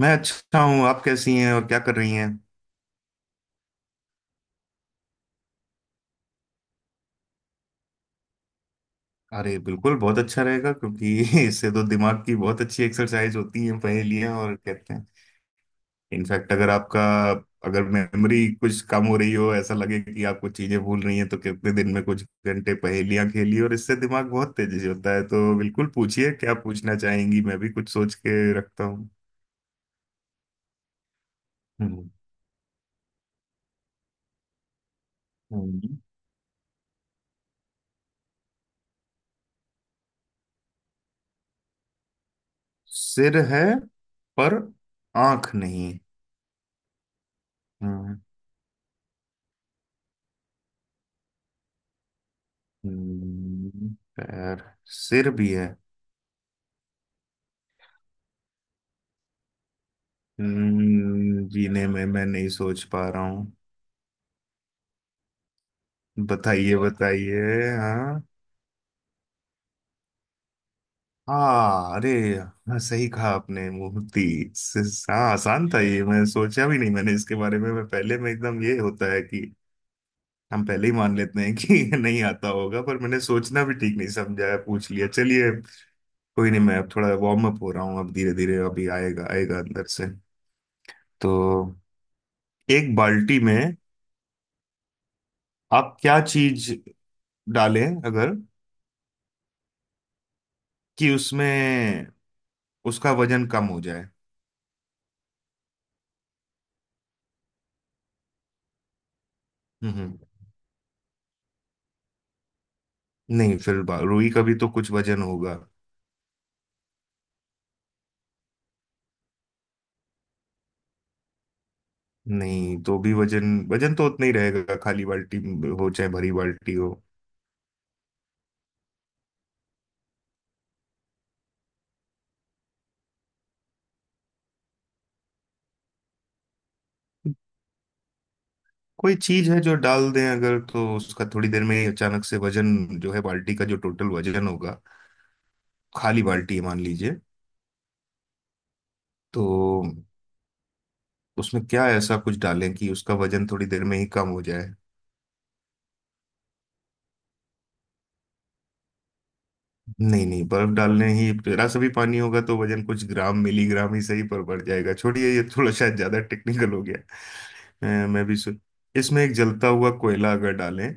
मैं अच्छा हूँ। आप कैसी हैं और क्या कर रही हैं? अरे, बिल्कुल बहुत अच्छा रहेगा क्योंकि इससे तो दिमाग की बहुत अच्छी एक्सरसाइज होती है पहेलियाँ, और कहते हैं इनफैक्ट अगर मेमोरी कुछ कम हो रही हो, ऐसा लगे कि आप कुछ चीजें भूल रही हैं, तो कितने दिन में कुछ घंटे पहेलियाँ खेली और इससे दिमाग बहुत तेजी से होता है। तो बिल्कुल पूछिए, क्या पूछना चाहेंगी, मैं भी कुछ सोच के रखता हूँ। हम्म। हम्म। सिर है पर आंख नहीं। हम्म। हम्म, पैर। सिर भी है। जीने में मैं नहीं सोच पा रहा हूँ। बताइए, बताइए। हाँ। हाँ, अरे। हाँ, सही कहा आपने, मूर्ति। हाँ, आसान था, ये मैं सोचा भी नहीं, मैंने इसके बारे में, मैं पहले में एकदम ये होता है कि हम पहले ही मान लेते हैं कि नहीं आता होगा, पर मैंने सोचना भी ठीक नहीं समझा, है पूछ लिया, चलिए। कोई नहीं, मैं अब थोड़ा वार्म अप हो रहा हूँ, अब धीरे धीरे अभी आएगा आएगा अंदर से। तो एक बाल्टी में आप क्या चीज डालें अगर, कि उसमें उसका वजन कम हो जाए? हम्म। नहीं, फिर रुई का भी तो कुछ वजन होगा। नहीं, तो भी वजन वजन तो उतना ही रहेगा, खाली बाल्टी हो चाहे भरी बाल्टी हो। कोई चीज है जो डाल दें अगर, तो उसका थोड़ी देर में ही अचानक से वजन जो है, बाल्टी का जो टोटल वजन होगा, खाली बाल्टी है मान लीजिए, तो उसमें क्या ऐसा कुछ डालें कि उसका वजन थोड़ी देर में ही कम हो जाए? नहीं नहीं, बर्फ डालने ही जरा सा भी पानी होगा तो वजन कुछ ग्राम, मिलीग्राम ही सही पर बढ़ जाएगा, छोड़िए, ये थोड़ा शायद ज्यादा टेक्निकल हो गया। अ, मैं भी सो... इसमें एक जलता हुआ कोयला अगर डालें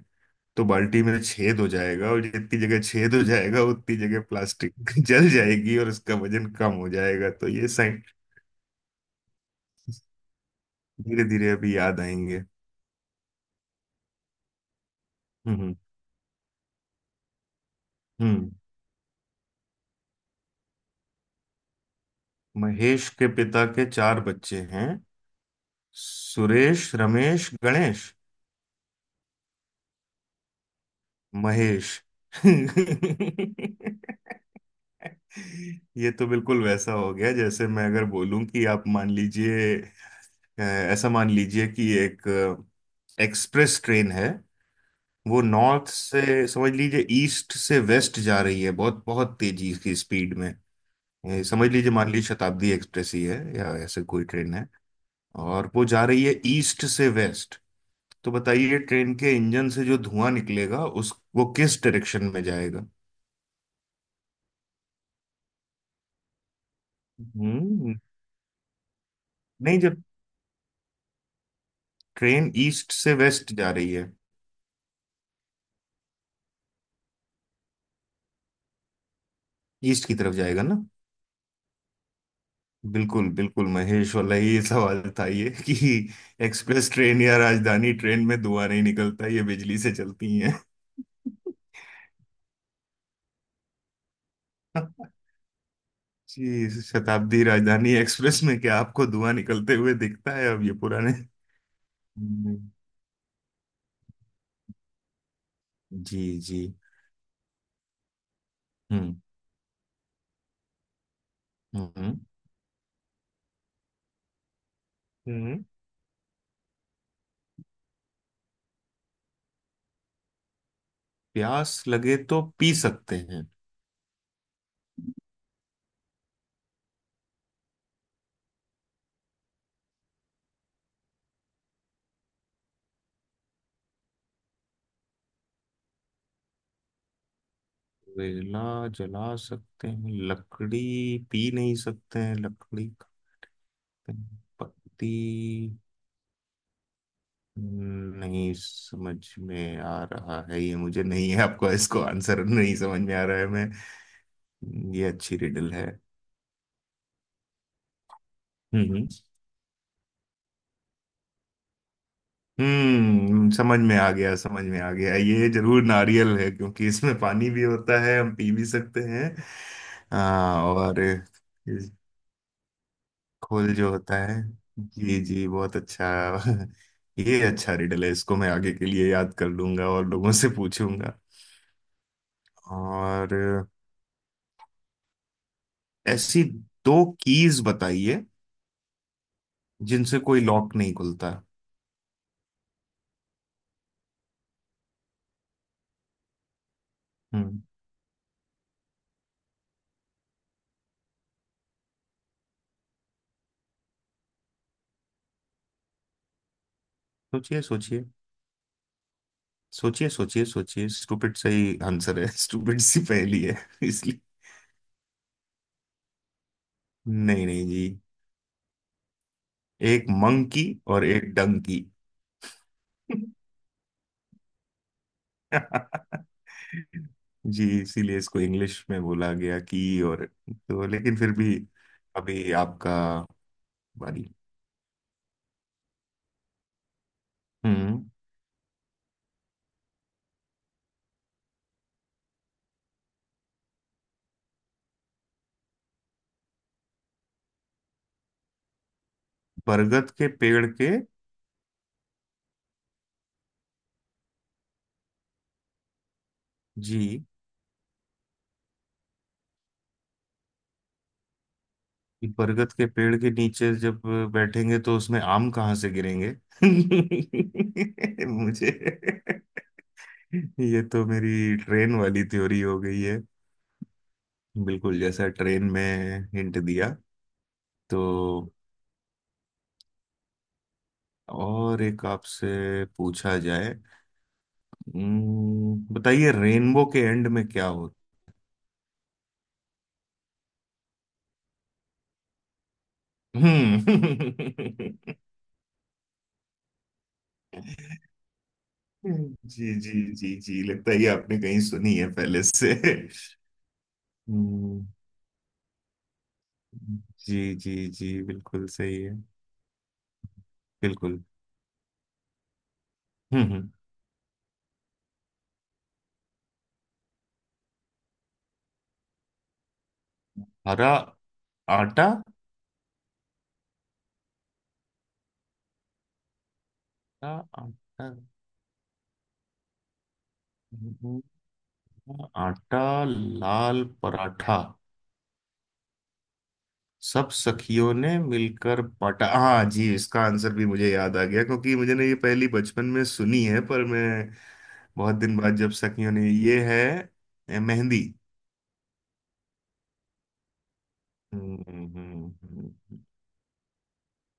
तो बाल्टी में छेद हो जाएगा और जितनी जगह छेद हो जाएगा उतनी जगह प्लास्टिक जल जाएगी और उसका वजन कम हो जाएगा, तो ये साइंस। धीरे धीरे अभी याद आएंगे। हम्म। हम्म। महेश के पिता के चार बच्चे हैं, सुरेश, रमेश, गणेश, महेश ये तो बिल्कुल वैसा हो गया जैसे मैं अगर बोलूं कि आप मान लीजिए, ऐसा मान लीजिए कि एक एक्सप्रेस ट्रेन है, वो नॉर्थ से, समझ लीजिए ईस्ट से वेस्ट जा रही है बहुत बहुत तेजी की स्पीड में। समझ लीजिए, मान लीजिए शताब्दी एक्सप्रेस ही है या ऐसे कोई ट्रेन है, और वो जा रही है ईस्ट से वेस्ट। तो बताइए, ट्रेन के इंजन से जो धुआं निकलेगा उस, वो किस डायरेक्शन में जाएगा? हम्म नहीं, जब ट्रेन ईस्ट से वेस्ट जा रही है, ईस्ट की तरफ जाएगा ना? बिल्कुल बिल्कुल, महेश वाला ये सवाल था, ये कि एक्सप्रेस ट्रेन या राजधानी ट्रेन में धुआं नहीं निकलता, ये बिजली से चलती हैं। जी, शताब्दी राजधानी एक्सप्रेस में क्या आपको धुआं निकलते हुए दिखता है? अब ये पुराने हम्म। जी, जी। हम्म। हम्म। हम्म। प्यास लगे तो पी सकते हैं, कोयला जला सकते हैं, लकड़ी, पी नहीं सकते हैं, लकड़ी, खाते हैं, पत्ती, नहीं समझ में आ रहा है, ये मुझे नहीं है, आपको इसको आंसर नहीं समझ में आ रहा है मैं, ये अच्छी रिडल है। हम्म समझ में आ गया, समझ में आ गया, ये जरूर नारियल है, क्योंकि इसमें पानी भी होता है, हम पी भी सकते हैं। और खोल जो होता है, जी जी, बहुत अच्छा ये अच्छा रिडल है, इसको मैं आगे के लिए याद कर लूंगा और लोगों से पूछूंगा। और ऐसी दो कीज बताइए जिनसे कोई लॉक नहीं खुलता? हम्म। सोचिए सोचिए सोचिए सोचिए सोचिए, स्टूपिड सही आंसर है स्टूपिड सी पहेली है इसलिए। नहीं नहीं जी, एक मंकी और एक डंकी जी, इसीलिए इसको इंग्लिश में बोला गया की, और तो लेकिन फिर भी, अभी आपका बारी। हम्म। बरगद के पेड़ के, जी, बरगद के पेड़ के नीचे जब बैठेंगे तो उसमें आम कहाँ से गिरेंगे? मुझे, ये तो मेरी ट्रेन वाली थ्योरी हो गई है, बिल्कुल जैसा ट्रेन में हिंट दिया, तो और एक आपसे पूछा जाए। बताइए रेनबो के एंड में क्या होता? हम्म जी जी जी जी, लगता है ये आपने कहीं सुनी है पहले से। हम्म, जी जी जी, बिल्कुल सही है। बिल्कुल। हम्म। हम्म। हरा आटा, आ- आटा, हम्म, आटा, लाल पराठा, सब सखियों ने मिलकर पटा, हाँ जी, इसका आंसर भी मुझे याद आ गया क्योंकि मुझे ने ये पहली बचपन में सुनी है, पर मैं बहुत दिन बाद जब सखियों ने ये है, मेहंदी। हम्म। हम्म। हम्म।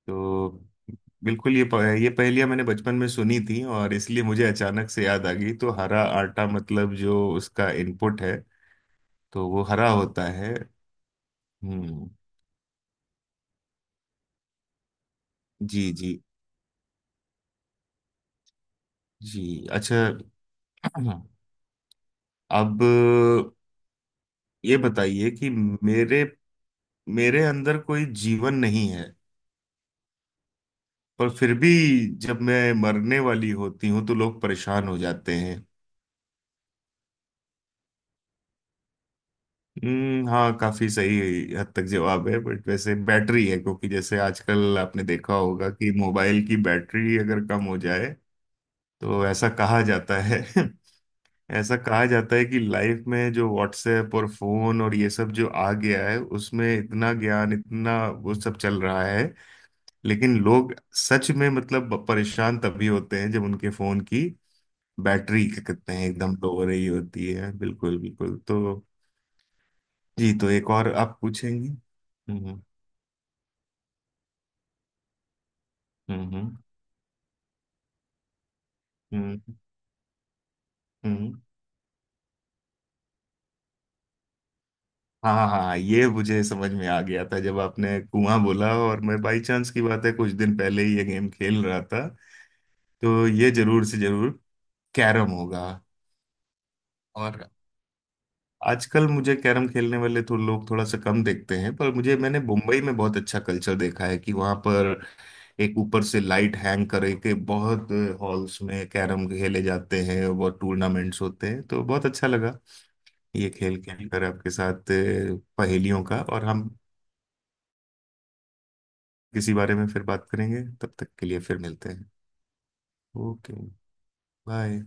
तो बिल्कुल ये ये पहेलियां मैंने बचपन में सुनी थी और इसलिए मुझे अचानक से याद आ गई, तो हरा आटा मतलब जो उसका इनपुट है, तो वो हरा होता है। हम्म। जी जी। जी अच्छा। अब ये बताइए कि मेरे मेरे अंदर कोई जीवन नहीं है, पर फिर भी जब मैं मरने वाली होती हूँ तो लोग परेशान हो जाते हैं। हम्म, हाँ, काफी सही हद तक जवाब है, बट वैसे बैटरी है, क्योंकि जैसे आजकल आपने देखा होगा कि मोबाइल की बैटरी अगर कम हो जाए, तो ऐसा कहा जाता है ऐसा कहा जाता है कि लाइफ में जो व्हाट्सएप और फोन और ये सब जो आ गया है, उसमें इतना ज्ञान, इतना वो सब चल रहा है, लेकिन लोग सच में मतलब परेशान तभी होते हैं जब उनके फोन की बैटरी, क्या कहते हैं, एकदम लो हो रही होती है, बिल्कुल बिल्कुल। तो जी, तो एक और आप पूछेंगे? हम्म। हम्म। हम्म। हम्म। हाँ हाँ, ये मुझे समझ में आ गया था जब आपने कुआं बोला, और मैं बाई चांस की बात है, कुछ दिन पहले ही ये गेम खेल रहा था, तो ये जरूर से जरूर कैरम होगा। और आजकल मुझे कैरम खेलने वाले तो लोग थोड़ा सा कम देखते हैं, पर मुझे, मैंने मुंबई में बहुत अच्छा कल्चर देखा है कि वहां पर एक ऊपर से लाइट हैंग करे के, बहुत हॉल्स में कैरम खेले जाते हैं और बहुत टूर्नामेंट्स होते हैं, तो बहुत अच्छा लगा। ये खेल खेल कर आपके साथ, पहेलियों का, और हम किसी बारे में फिर बात करेंगे, तब तक के लिए फिर मिलते हैं। Okay, bye.